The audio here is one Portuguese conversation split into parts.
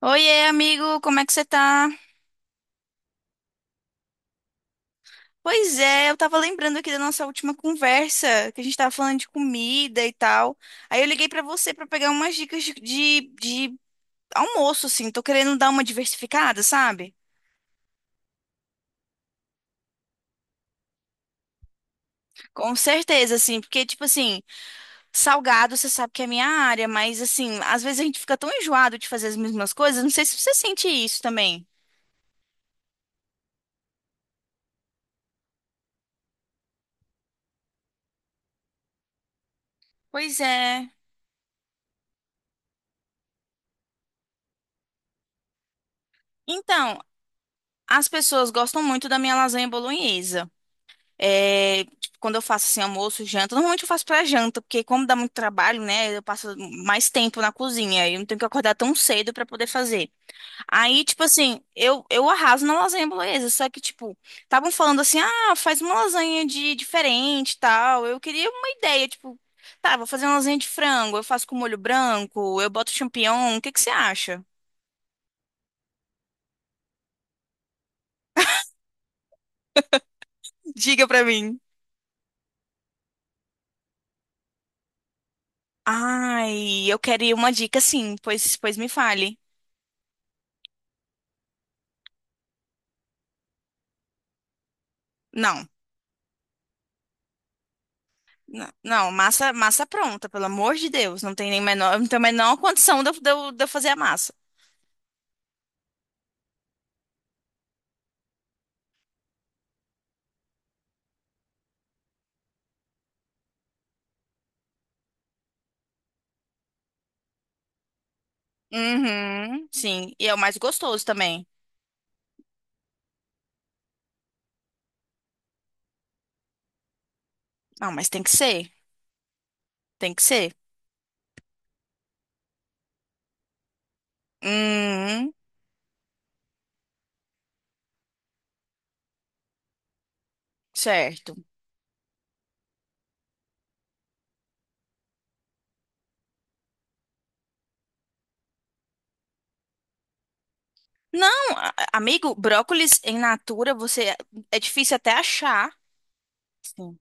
Oiê, amigo, como é que você tá? Pois é, eu tava lembrando aqui da nossa última conversa, que a gente tava falando de comida e tal. Aí eu liguei pra você pra pegar umas dicas de almoço, assim. Tô querendo dar uma diversificada, sabe? Com certeza, assim, porque, tipo assim, salgado você sabe que é minha área, mas, assim, às vezes a gente fica tão enjoado de fazer as mesmas coisas. Não sei se você sente isso também. Pois é. Então, as pessoas gostam muito da minha lasanha bolonhesa. É, tipo, quando eu faço assim, almoço, janta, normalmente eu faço pra janta, porque como dá muito trabalho, né, eu passo mais tempo na cozinha, e eu não tenho que acordar tão cedo pra poder fazer. Aí, tipo assim, eu arraso na lasanha bolonhesa, só que, tipo, estavam falando assim, ah, faz uma lasanha de diferente e tal. Eu queria uma ideia, tipo, tá, vou fazer uma lasanha de frango, eu faço com molho branco, eu boto champignon, o que que você acha? Diga pra mim. Ai, eu queria uma dica sim, pois, pois me fale. Não. Não, não, massa, massa pronta, pelo amor de Deus. Não tem nem menor, não tem a menor condição de eu, de eu fazer a massa. Uhum, sim. E é o mais gostoso também. Não, mas tem que ser. Tem que ser. Hum, certo. Não, amigo, brócolis em natura, você é é difícil até achar. Sim.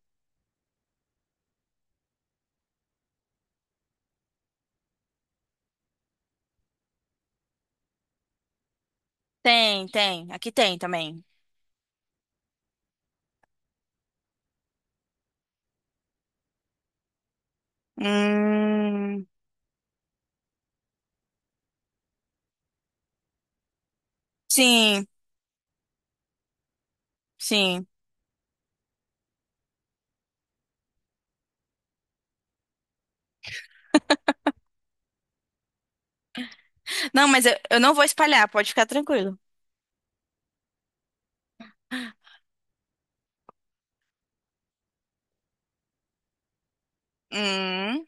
Tem, tem. Aqui tem também. Hum, sim, sim. Não, mas eu não vou espalhar, pode ficar tranquilo. Hum,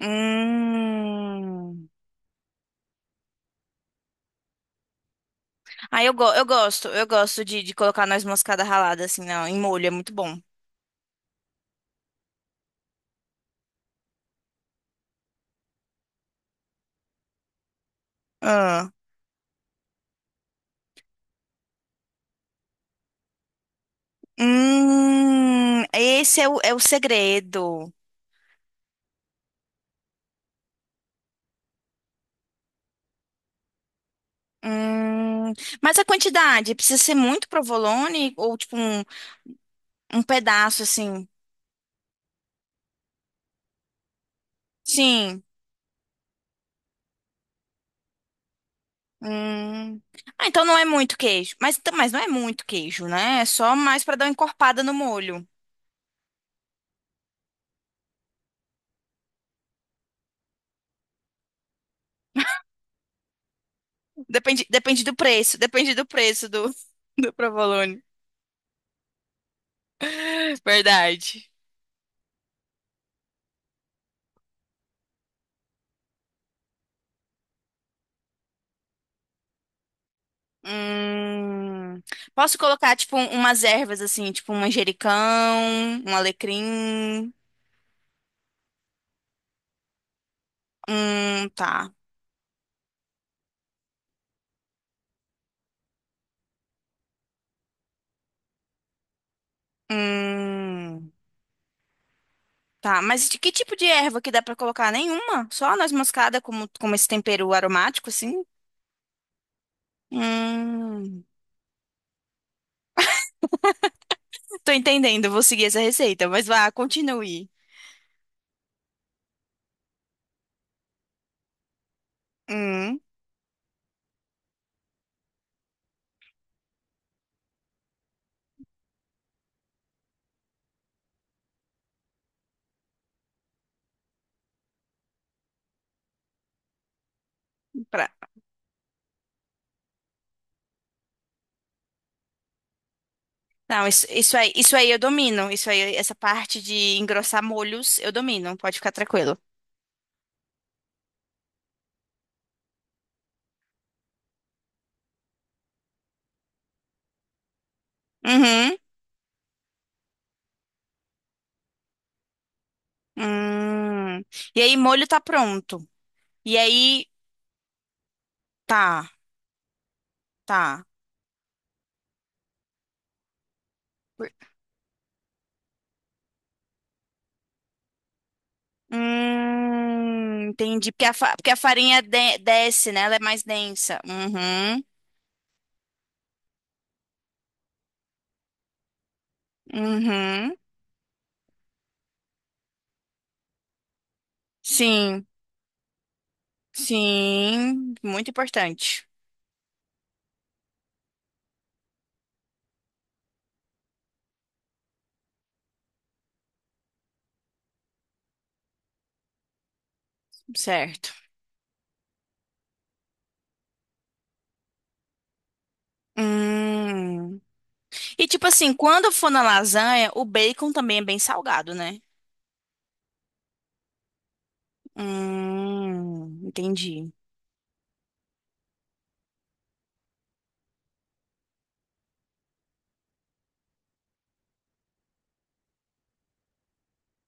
hum. Ah, eu gosto de colocar noz moscada ralada, assim, não, em molho, é muito bom. Ah. Esse é o segredo. Hum, mas a quantidade, precisa ser muito provolone ou tipo um pedaço, assim? Sim. Hum. Ah, então não é muito queijo. Mas não é muito queijo, né? É só mais pra dar uma encorpada no molho. Depende, depende do preço do, do provolone. Verdade. Hum, posso colocar, tipo, um, umas ervas, assim, tipo um manjericão, um alecrim. Tá. Hum, tá. Mas de que tipo de erva que dá pra colocar? Nenhuma? Só a noz moscada como, como esse tempero aromático, assim? Hum, tô entendendo, vou seguir essa receita, mas vá, continue. Hum, pra... Não, isso, isso aí eu domino. Isso aí, essa parte de engrossar molhos, eu domino. Pode ficar tranquilo. Uhum. Hum. E aí, molho tá pronto. E aí, tá, tá. Por- entendi. Porque a, porque a farinha desce, né? Ela é mais densa. Uhum, uhum. Sim, sim. Muito importante. Certo. Hum. E tipo assim, quando for na lasanha, o bacon também é bem salgado, né? Entendi.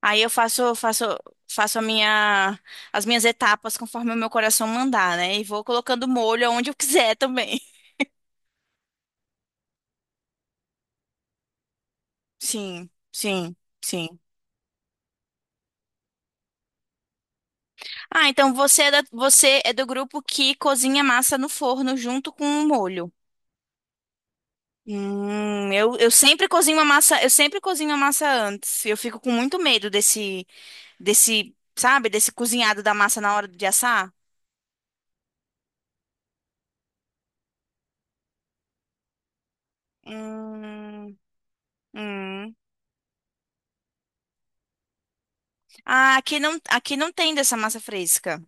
Aí eu faço, faço, faço a minha, as minhas etapas conforme o meu coração mandar, né? E vou colocando molho aonde eu quiser também. Sim, sim, sim. Ah, então você é do grupo que cozinha massa no forno junto com o molho. Eu sempre cozinho a massa, eu sempre cozinho a massa antes. Eu fico com muito medo desse, desse, sabe, desse cozinhado da massa na hora de assar. Hum, hum. Ah, aqui não tem dessa massa fresca.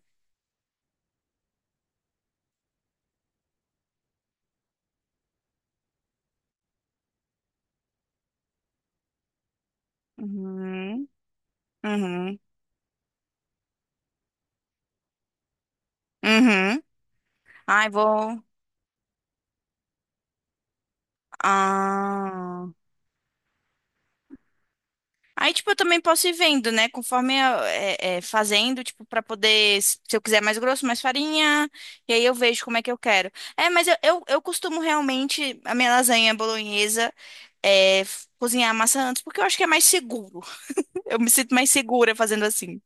Uhum, uhum, uhum. Ai, vou. Ah. Aí, tipo, eu também posso ir vendo, né? Conforme eu, fazendo, tipo, pra poder, se eu quiser mais grosso, mais farinha, e aí eu vejo como é que eu quero. É, mas eu costumo realmente, a minha lasanha bolonhesa, cozinhar a massa antes, porque eu acho que é mais seguro. Eu me sinto mais segura fazendo assim.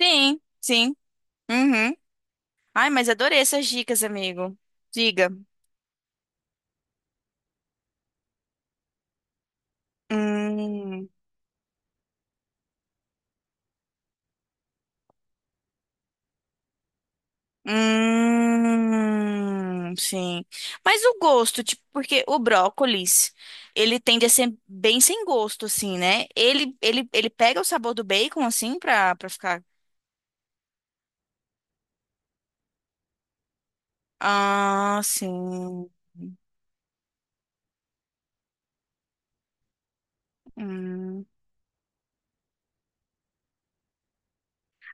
Sim, sim. Uhum. Ai, mas adorei essas dicas, amigo. Diga. Hum. Sim. Mas o gosto, tipo, porque o brócolis, ele tende a ser bem sem gosto, assim, né? Ele pega o sabor do bacon, assim, pra, pra ficar. Ah, sim. Hum.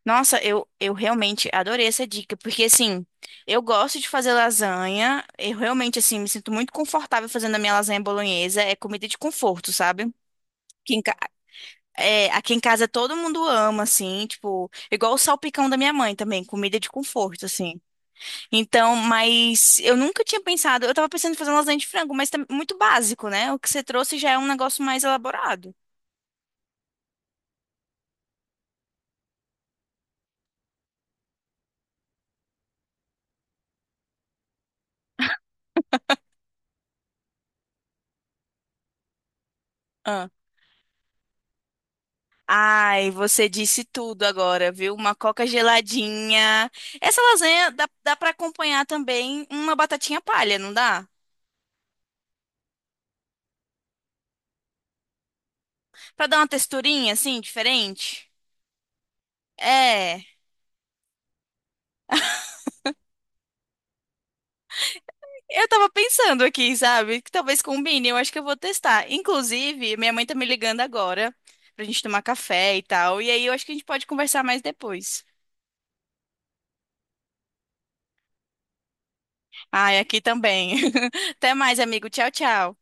Nossa, eu realmente adorei essa dica, porque assim, eu gosto de fazer lasanha, eu realmente assim me sinto muito confortável fazendo a minha lasanha bolonhesa, é comida de conforto, sabe? Que É, aqui em casa todo mundo ama, assim, tipo, igual o salpicão da minha mãe também, comida de conforto, assim. Então, mas eu nunca tinha pensado, eu tava pensando em fazer uma lasanha de frango, mas tá muito básico, né? O que você trouxe já é um negócio mais elaborado. Ah. Ai, você disse tudo agora, viu? Uma coca geladinha. Essa lasanha dá, dá para acompanhar também uma batatinha palha, não dá? Pra dar uma texturinha, assim, diferente. É. Eu tava pensando aqui, sabe? Que talvez combine, eu acho que eu vou testar. Inclusive, minha mãe tá me ligando agora pra gente tomar café e tal. E aí eu acho que a gente pode conversar mais depois. Ai, aqui também. Até mais, amigo. Tchau, tchau.